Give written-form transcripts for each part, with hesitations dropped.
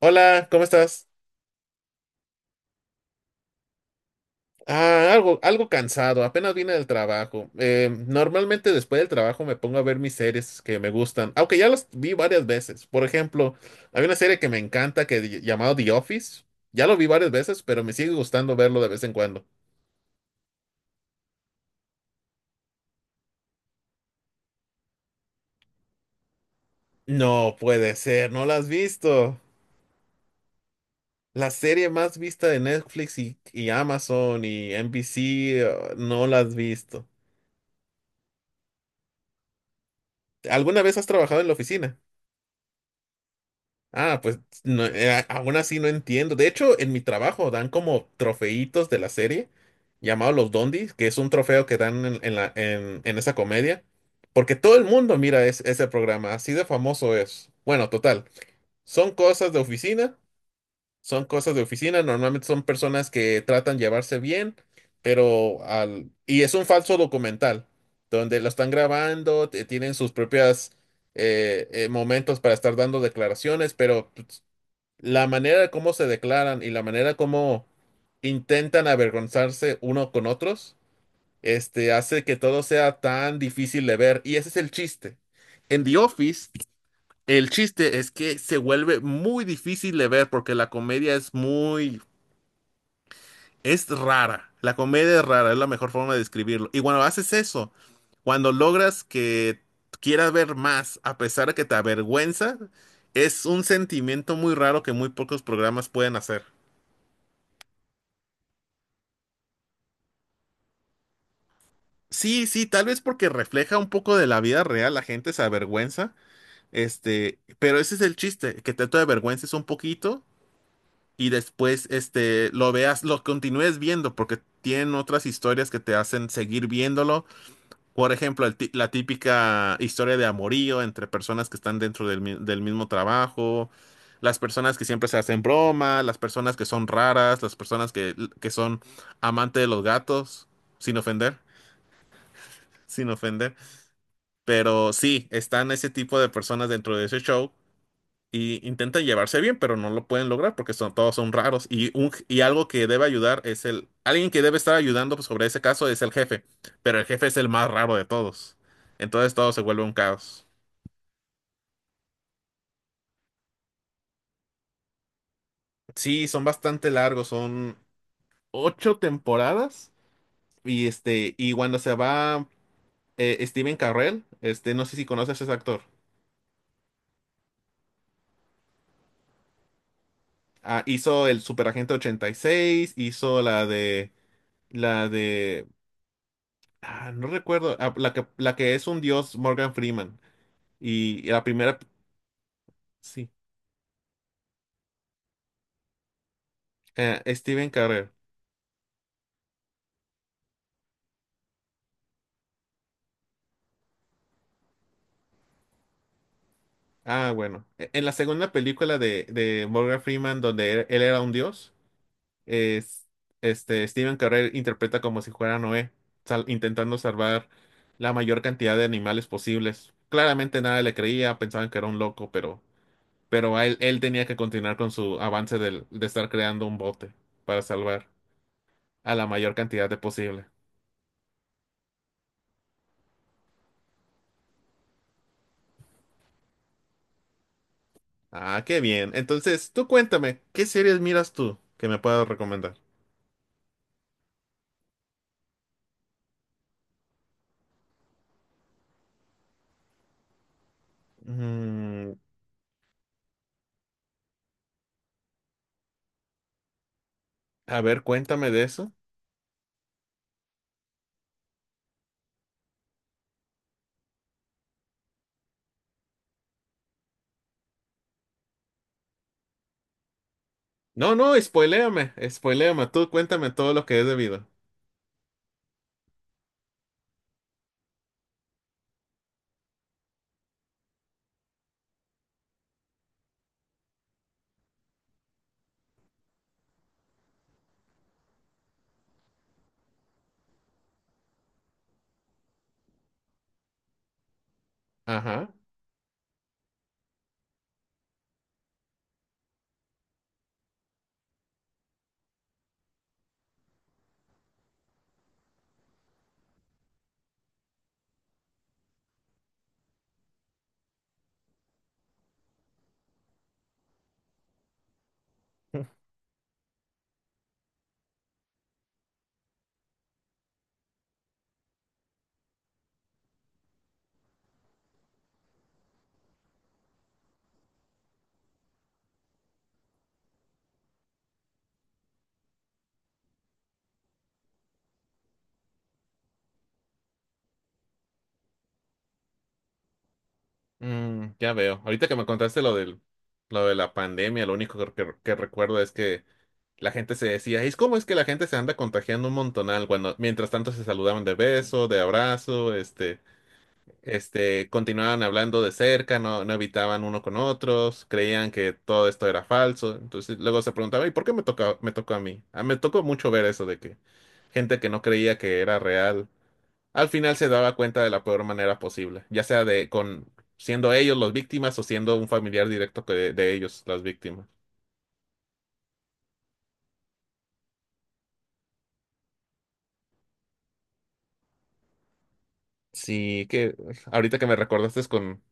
Hola, ¿cómo estás? Algo cansado, apenas vine del trabajo. Normalmente después del trabajo me pongo a ver mis series que me gustan, aunque ya las vi varias veces. Por ejemplo, hay una serie que me encanta llamado The Office. Ya lo vi varias veces, pero me sigue gustando verlo de vez en cuando. No puede ser, no la has visto. La serie más vista de Netflix y Amazon y NBC, no la has visto. ¿Alguna vez has trabajado en la oficina? Pues no, aún así no entiendo. De hecho, en mi trabajo dan como trofeitos de la serie llamado los Dondis, que es un trofeo que dan en esa comedia, porque todo el mundo mira ese programa, así de famoso es. Bueno, total, son cosas de oficina, son cosas de oficina, normalmente son personas que tratan de llevarse bien, pero al... Y es un falso documental, donde lo están grabando, tienen sus propias momentos para estar dando declaraciones, pero... pues, la manera de cómo se declaran y la manera como intentan avergonzarse uno con otros, hace que todo sea tan difícil de ver. Y ese es el chiste. En The Office, el chiste es que se vuelve muy difícil de ver porque la comedia es rara. La comedia es rara, es la mejor forma de describirlo. Y cuando haces eso, cuando logras que quieras ver más, a pesar de que te avergüenza, es un sentimiento muy raro que muy pocos programas pueden hacer. Sí, sí, tal vez porque refleja un poco de la vida real, la gente se avergüenza, pero ese es el chiste, que te avergüences un poquito y después, lo veas, lo continúes viendo porque tienen otras historias que te hacen seguir viéndolo. Por ejemplo, la típica historia de amorío entre personas que están dentro del mismo trabajo, las personas que siempre se hacen broma, las personas que son raras, las personas que son amante de los gatos, sin ofender, sin ofender. Pero sí, están ese tipo de personas dentro de ese show y intentan llevarse bien, pero no lo pueden lograr porque son, todos son raros. Y algo que debe ayudar es el... Alguien que debe estar ayudando pues, sobre ese caso es el jefe, pero el jefe es el más raro de todos. Entonces todo se vuelve un caos. Sí, son bastante largos, son ocho temporadas y cuando se va Steven Carrell, no sé si conoces a ese actor. Ah, hizo el Superagente ochenta y seis, hizo la de Ah, no recuerdo. Ah, la que es un dios, Morgan Freeman. Y la primera, sí, Steven Carell. Ah, bueno. En la segunda película de Morgan Freeman, donde él era un dios, es, Steven Carell interpreta como si fuera Noé, intentando salvar la mayor cantidad de animales posibles. Claramente nada le creía, pensaban que era un loco, pero a él, él tenía que continuar con su avance de estar creando un bote para salvar a la mayor cantidad de posible. Ah, qué bien. Entonces, tú cuéntame, ¿qué series miras tú que me puedas recomendar? Mm, a ver, cuéntame de eso. No, no, spoiléame, spoiléame. Tú cuéntame todo lo que es debido. Ajá. Mm, ya veo. Ahorita que me contaste lo de la pandemia, lo único que recuerdo es que la gente se decía, es cómo es que la gente se anda contagiando un montonal cuando mientras tanto se saludaban de beso, de abrazo, este, continuaban hablando de cerca, no, no evitaban uno con otros, creían que todo esto era falso. Entonces luego se preguntaba, ¿y por qué me tocó a mí? Ah, me tocó mucho ver eso de que gente que no creía que era real, al final se daba cuenta de la peor manera posible, ya sea de con siendo ellos las víctimas o siendo un familiar directo ellos las víctimas. Sí, que ahorita que me recordaste es con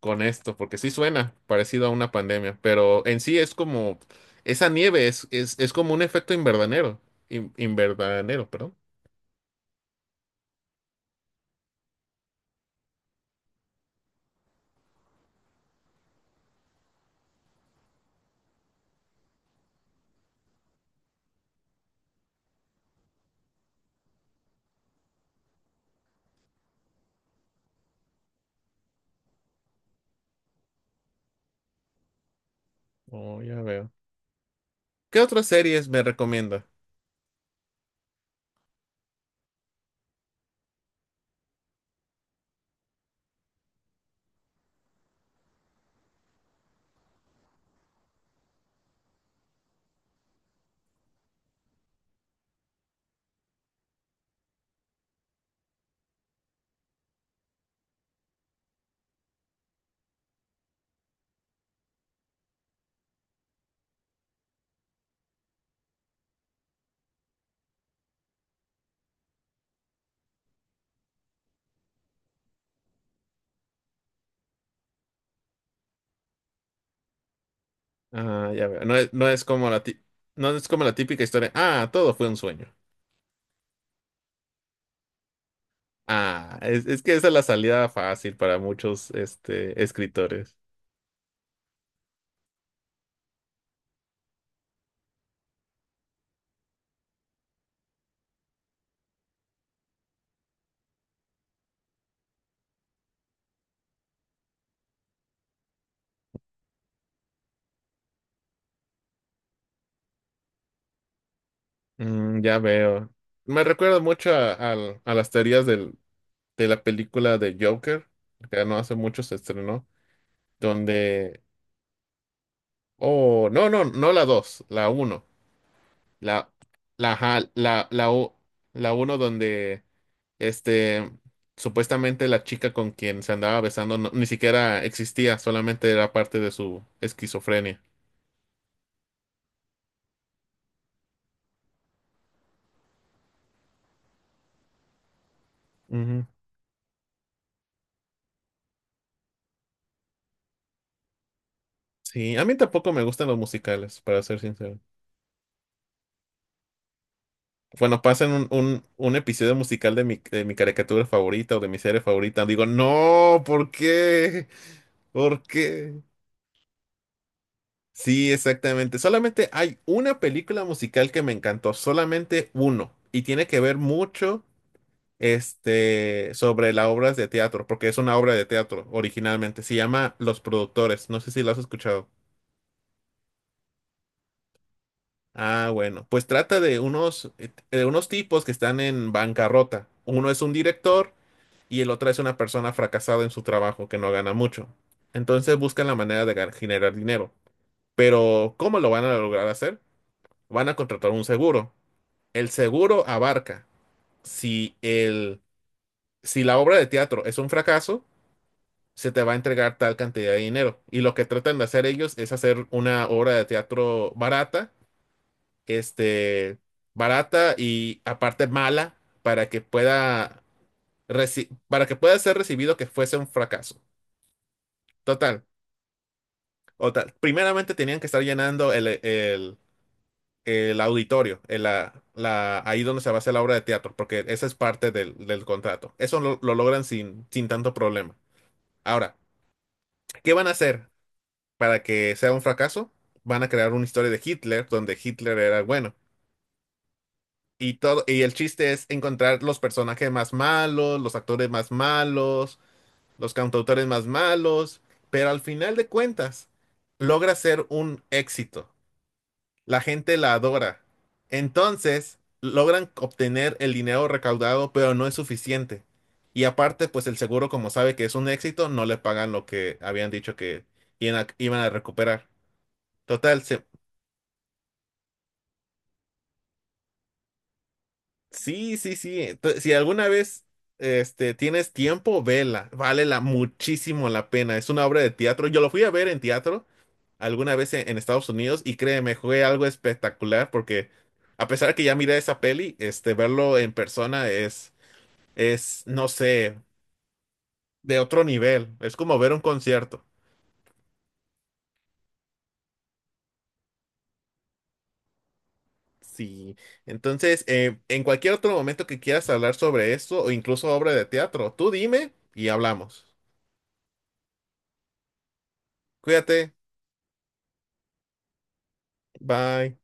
con esto, porque sí suena parecido a una pandemia, pero en sí es como, esa nieve es como un efecto invernadero, invernadero, perdón. Oh, ya veo. ¿Qué otras series me recomienda? Ah, ya veo. No es como no es como la típica historia. Ah, todo fue un sueño. Ah, es que esa es la salida fácil para muchos, escritores. Mm, ya veo. Me recuerda mucho a las teorías de la película de Joker, que no hace mucho se estrenó. Donde... Oh, no, no, no la dos, la uno. La, ajá, la uno donde, este, supuestamente la chica con quien se andaba besando ni siquiera existía, solamente era parte de su esquizofrenia. Ujú. Sí, a mí tampoco me gustan los musicales, para ser sincero. Bueno, pasan un episodio musical de mi caricatura favorita o de mi serie favorita, digo, no, ¿por qué? ¿Por qué? Sí, exactamente. Solamente hay una película musical que me encantó, solamente uno, y tiene que ver mucho, sobre las obras de teatro, porque es una obra de teatro originalmente. Se llama Los Productores. No sé si lo has escuchado. Ah, bueno, pues trata de unos tipos que están en bancarrota. Uno es un director y el otro es una persona fracasada en su trabajo que no gana mucho. Entonces buscan la manera de generar dinero. Pero ¿cómo lo van a lograr hacer? Van a contratar un seguro. El seguro abarca si el, si la obra de teatro es un fracaso, se te va a entregar tal cantidad de dinero. Y lo que tratan de hacer ellos es hacer una obra de teatro barata, este, barata y aparte mala para que pueda para que pueda ser recibido que fuese un fracaso. Total, total. Primeramente tenían que estar llenando el auditorio, ahí donde se va a hacer la obra de teatro, porque esa es parte del contrato. Eso lo logran sin tanto problema. Ahora, ¿qué van a hacer para que sea un fracaso? Van a crear una historia de Hitler, donde Hitler era el bueno. Y todo, y el chiste es encontrar los personajes más malos, los actores más malos, los cantautores más malos, pero al final de cuentas logra ser un éxito. La gente la adora. Entonces, logran obtener el dinero recaudado, pero no es suficiente. Y aparte, pues el seguro, como sabe que es un éxito, no le pagan lo que habían dicho que iban a recuperar. Total, se, sí, sí, sí. Si alguna vez, tienes tiempo, vela. Vale la, muchísimo la pena. Es una obra de teatro. Yo lo fui a ver en teatro alguna vez en Estados Unidos y créeme, fue algo espectacular porque a pesar que ya miré esa peli, verlo en persona es, no sé, de otro nivel. Es como ver un concierto. Sí. Entonces, en cualquier otro momento que quieras hablar sobre esto o incluso obra de teatro, tú dime y hablamos. Cuídate. Bye.